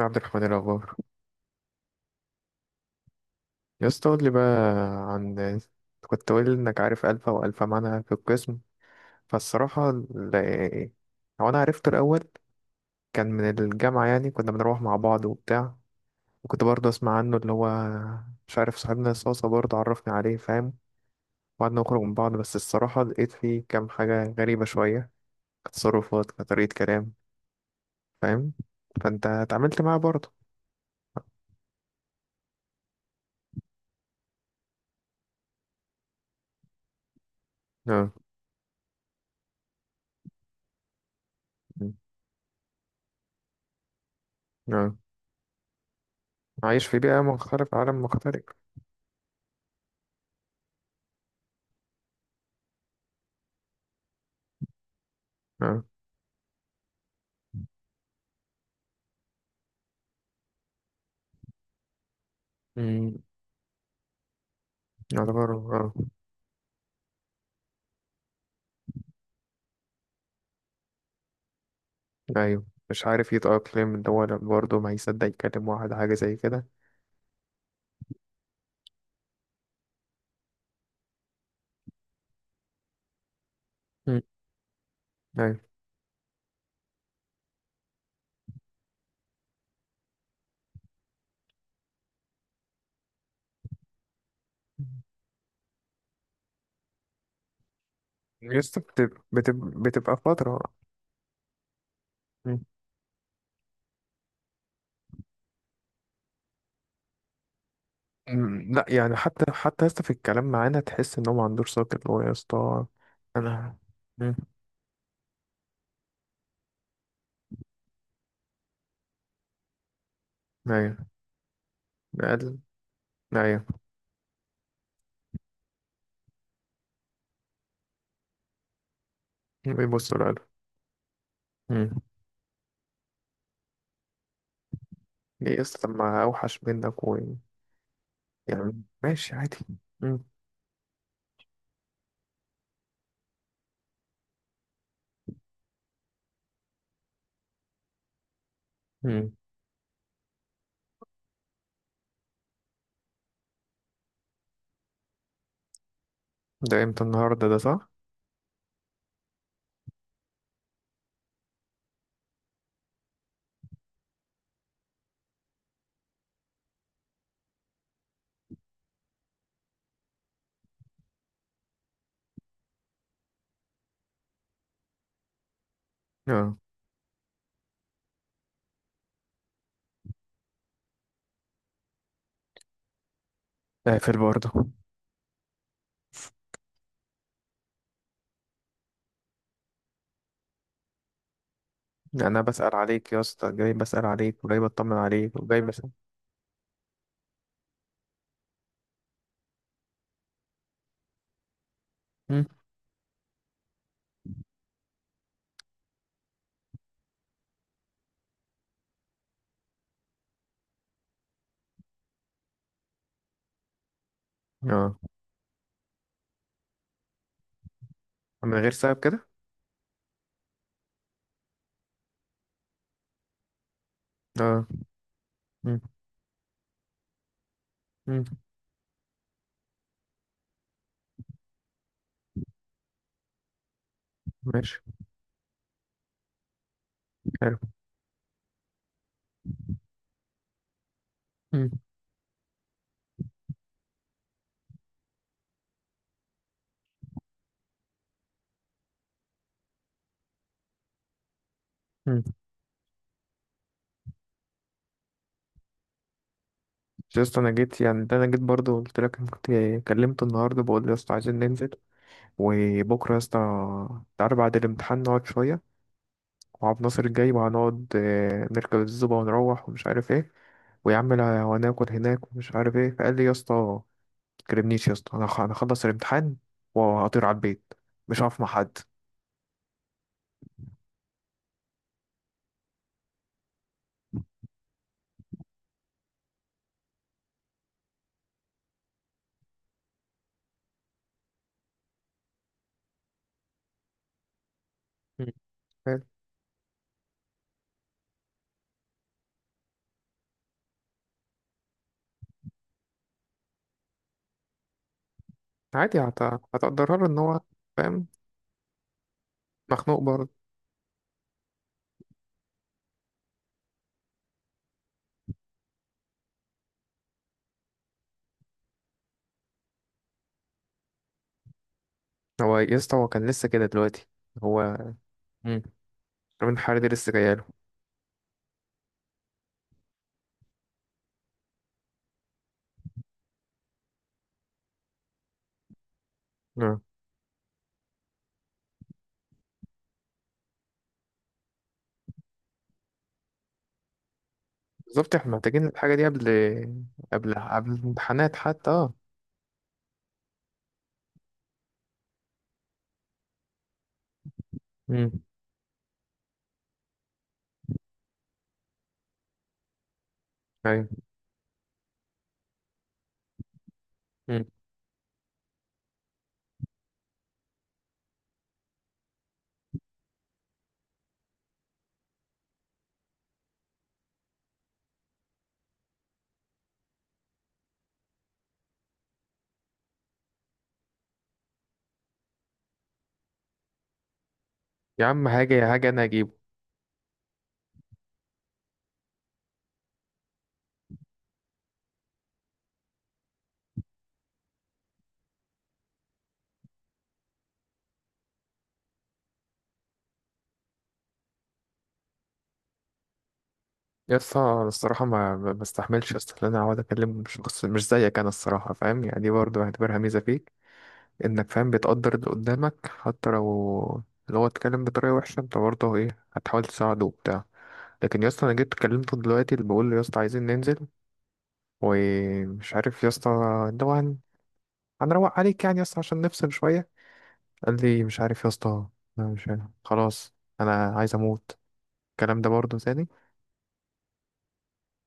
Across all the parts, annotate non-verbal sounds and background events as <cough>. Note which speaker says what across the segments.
Speaker 1: عبد الرحمن الأخبار. يا اسطى قول لي بقى، عن أنت كنت قايل إنك عارف ألفا وألفا معانا في القسم. فالصراحة هو أنا عرفته الأول. كان من الجامعة، يعني كنا بنروح مع بعض وبتاع. وكنت برضه أسمع عنه، اللي هو مش عارف، صاحبنا صوصة برضه عرفني عليه، فاهم. وقعدنا نخرج من بعض، بس الصراحة لقيت فيه كام حاجة غريبة شوية، كتصرفات، كطريقة كلام، فاهم. فأنت اتعاملت معاه برضه. اه. اه، عايش في بيئة مختلفة، عالم مختلف. اه، يعتبر اه. ايوه، مش عارف يتأقلم، اللي هو برضه ما هيصدق يكلم واحد حاجة زي كده. مم. ايوه. يسطا، بتبقى بتبقى فترة. مم. لا يعني، حتى يسطا، في الكلام معانا تحس ان هو ما عندوش ساكت، اللي هو يسطا. انا. مم. ايوه. قال. ايوه. بيبص له، قال. ليه يسطا؟ طب ما اوحش منك و. يعني ماشي عادي. مم. مم. ده امتى؟ النهارده ده صح؟ اه. قافل برضه. يعني انا بسأل عليك يا اسطى، جاي بسأل عليك وجاي بطمن عليك وجاي بسأل. مم. اه. من غير سبب كده. اه. مم. مم. ماشي. حلو. مم. مم. بس يا اسطى انا جيت، يعني ده انا جيت برضه، قلت لك أنا كنت. كلمته النهارده بقول له يا اسطى عايزين ننزل، وبكره يا اسطى تعالى بعد الامتحان نقعد شويه، وعبد الناصر جاي وهنقعد، نركب الزوبه ونروح ومش عارف ايه، ويا عم وهناكل هناك ومش عارف ايه. فقال لي يا اسطى ما تكلمنيش، يا اسطى أنا هخلص الامتحان وهطير على البيت، مش هقف مع حد. مم. حلو. عادي هتقدرها له ان هو. فاهم. مخنوق برضه. هو يا اسطى، هو كان لسه كده دلوقتي. هو. مم. رمين الحراري دي لسه جايه له. آه. بالظبط، احنا محتاجين الحاجه دي قبل، قبل الامتحانات حتى اه. مم. ايوه. مم. يا عم هاجي، يا هاجي انا اجيبه. يا اسطى أنا الصراحه ما بستحملش يا اسطى، ان انا اقعد اكلم شخص مش زيك. انا الصراحه فاهم، يعني دي برضه بعتبرها ميزه فيك، انك فاهم بتقدر اللي قدامك، حتى لو اللي هو اتكلم بطريقه وحشه، انت برضه ايه هتحاول تساعده وبتاع. لكن يا اسطى انا جيت كلمته دلوقتي، اللي بقول له يا اسطى عايزين ننزل ومش عارف يا اسطى، اللي هو هنروق عليك، يعني يا اسطى عشان نفصل شويه. قال لي مش عارف يا اسطى، انا مش عارف. خلاص. انا عايز اموت. الكلام ده برضه تاني.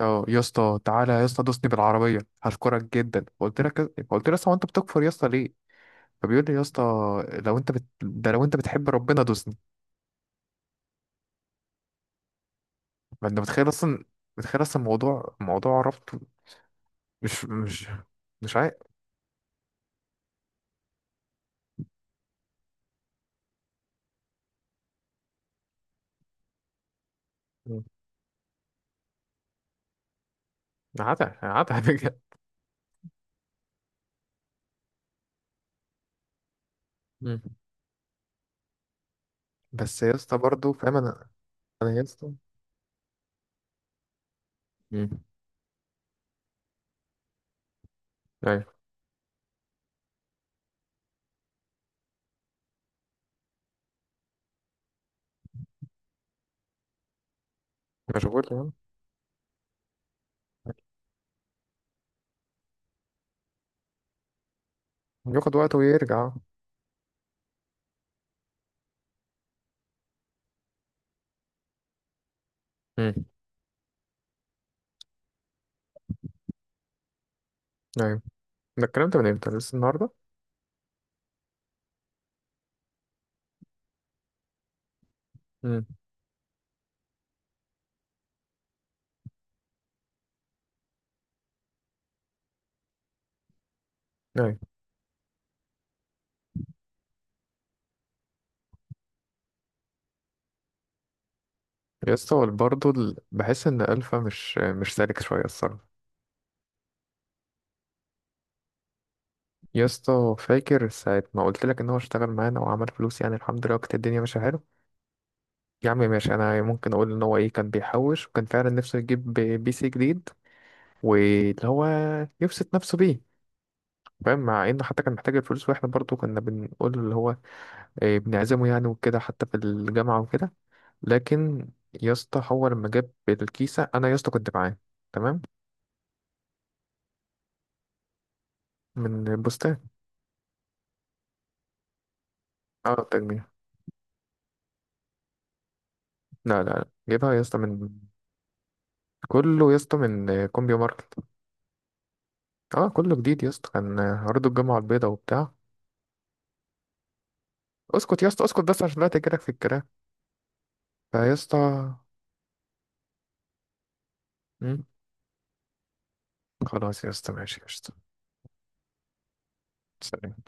Speaker 1: اه يا اسطى، تعالى يا اسطى دوسني بالعربيه، هشكرك جدا. قلت لك، قلت له يا اسطى هو انت بتكفر يا اسطى ليه؟ فبيقول لي يا اسطى، ده لو انت بتحب ربنا دوسني. فانت متخيل اصلا، موضوع ربطه. مش مش مش عارف. مم. عتا عتا <laughs> بجد. مم. بس يا اسطى برضه فاهم انا. انا يا اسطى. مم. ايوه. مشغول يعني. بياخد وقت ويرجع. مم. ايوه. ده الكلام ده من امتى؟ لسه النهارده. مم. ايوه. يا اسطى برضه بحس ان الفا مش سالك شويه الصراحه. يا اسطى فاكر ساعة ما قلت لك ان هو اشتغل معانا وعمل فلوس، يعني الحمد لله، وكانت الدنيا ماشيه حلو. يا عم ماشي، انا ممكن اقول ان هو ايه، كان بيحوش وكان فعلا نفسه يجيب PC جديد، واللي هو يبسط نفسه بيه، فاهم، مع انه حتى كان محتاج الفلوس، واحنا برضو كنا بنقول له اللي هو إيه، بنعزمه يعني وكده، حتى في الجامعة وكده. لكن يا اسطى هو لما جاب الكيسة انا يا اسطى كنت معاه. تمام. من البستان. اه التجميع. لا لا لا، جايبها يا اسطى من. كله يا اسطى من كومبيو ماركت. اه كله جديد يا اسطى، كان عرضه الجامعة البيضاء وبتاع. اسكت يا اسطى اسكت، بس عشان لا تجيلك في الكلام. فيا اسطى. مم. خلاص يا اسطى ماشي يا اسطى. سلام.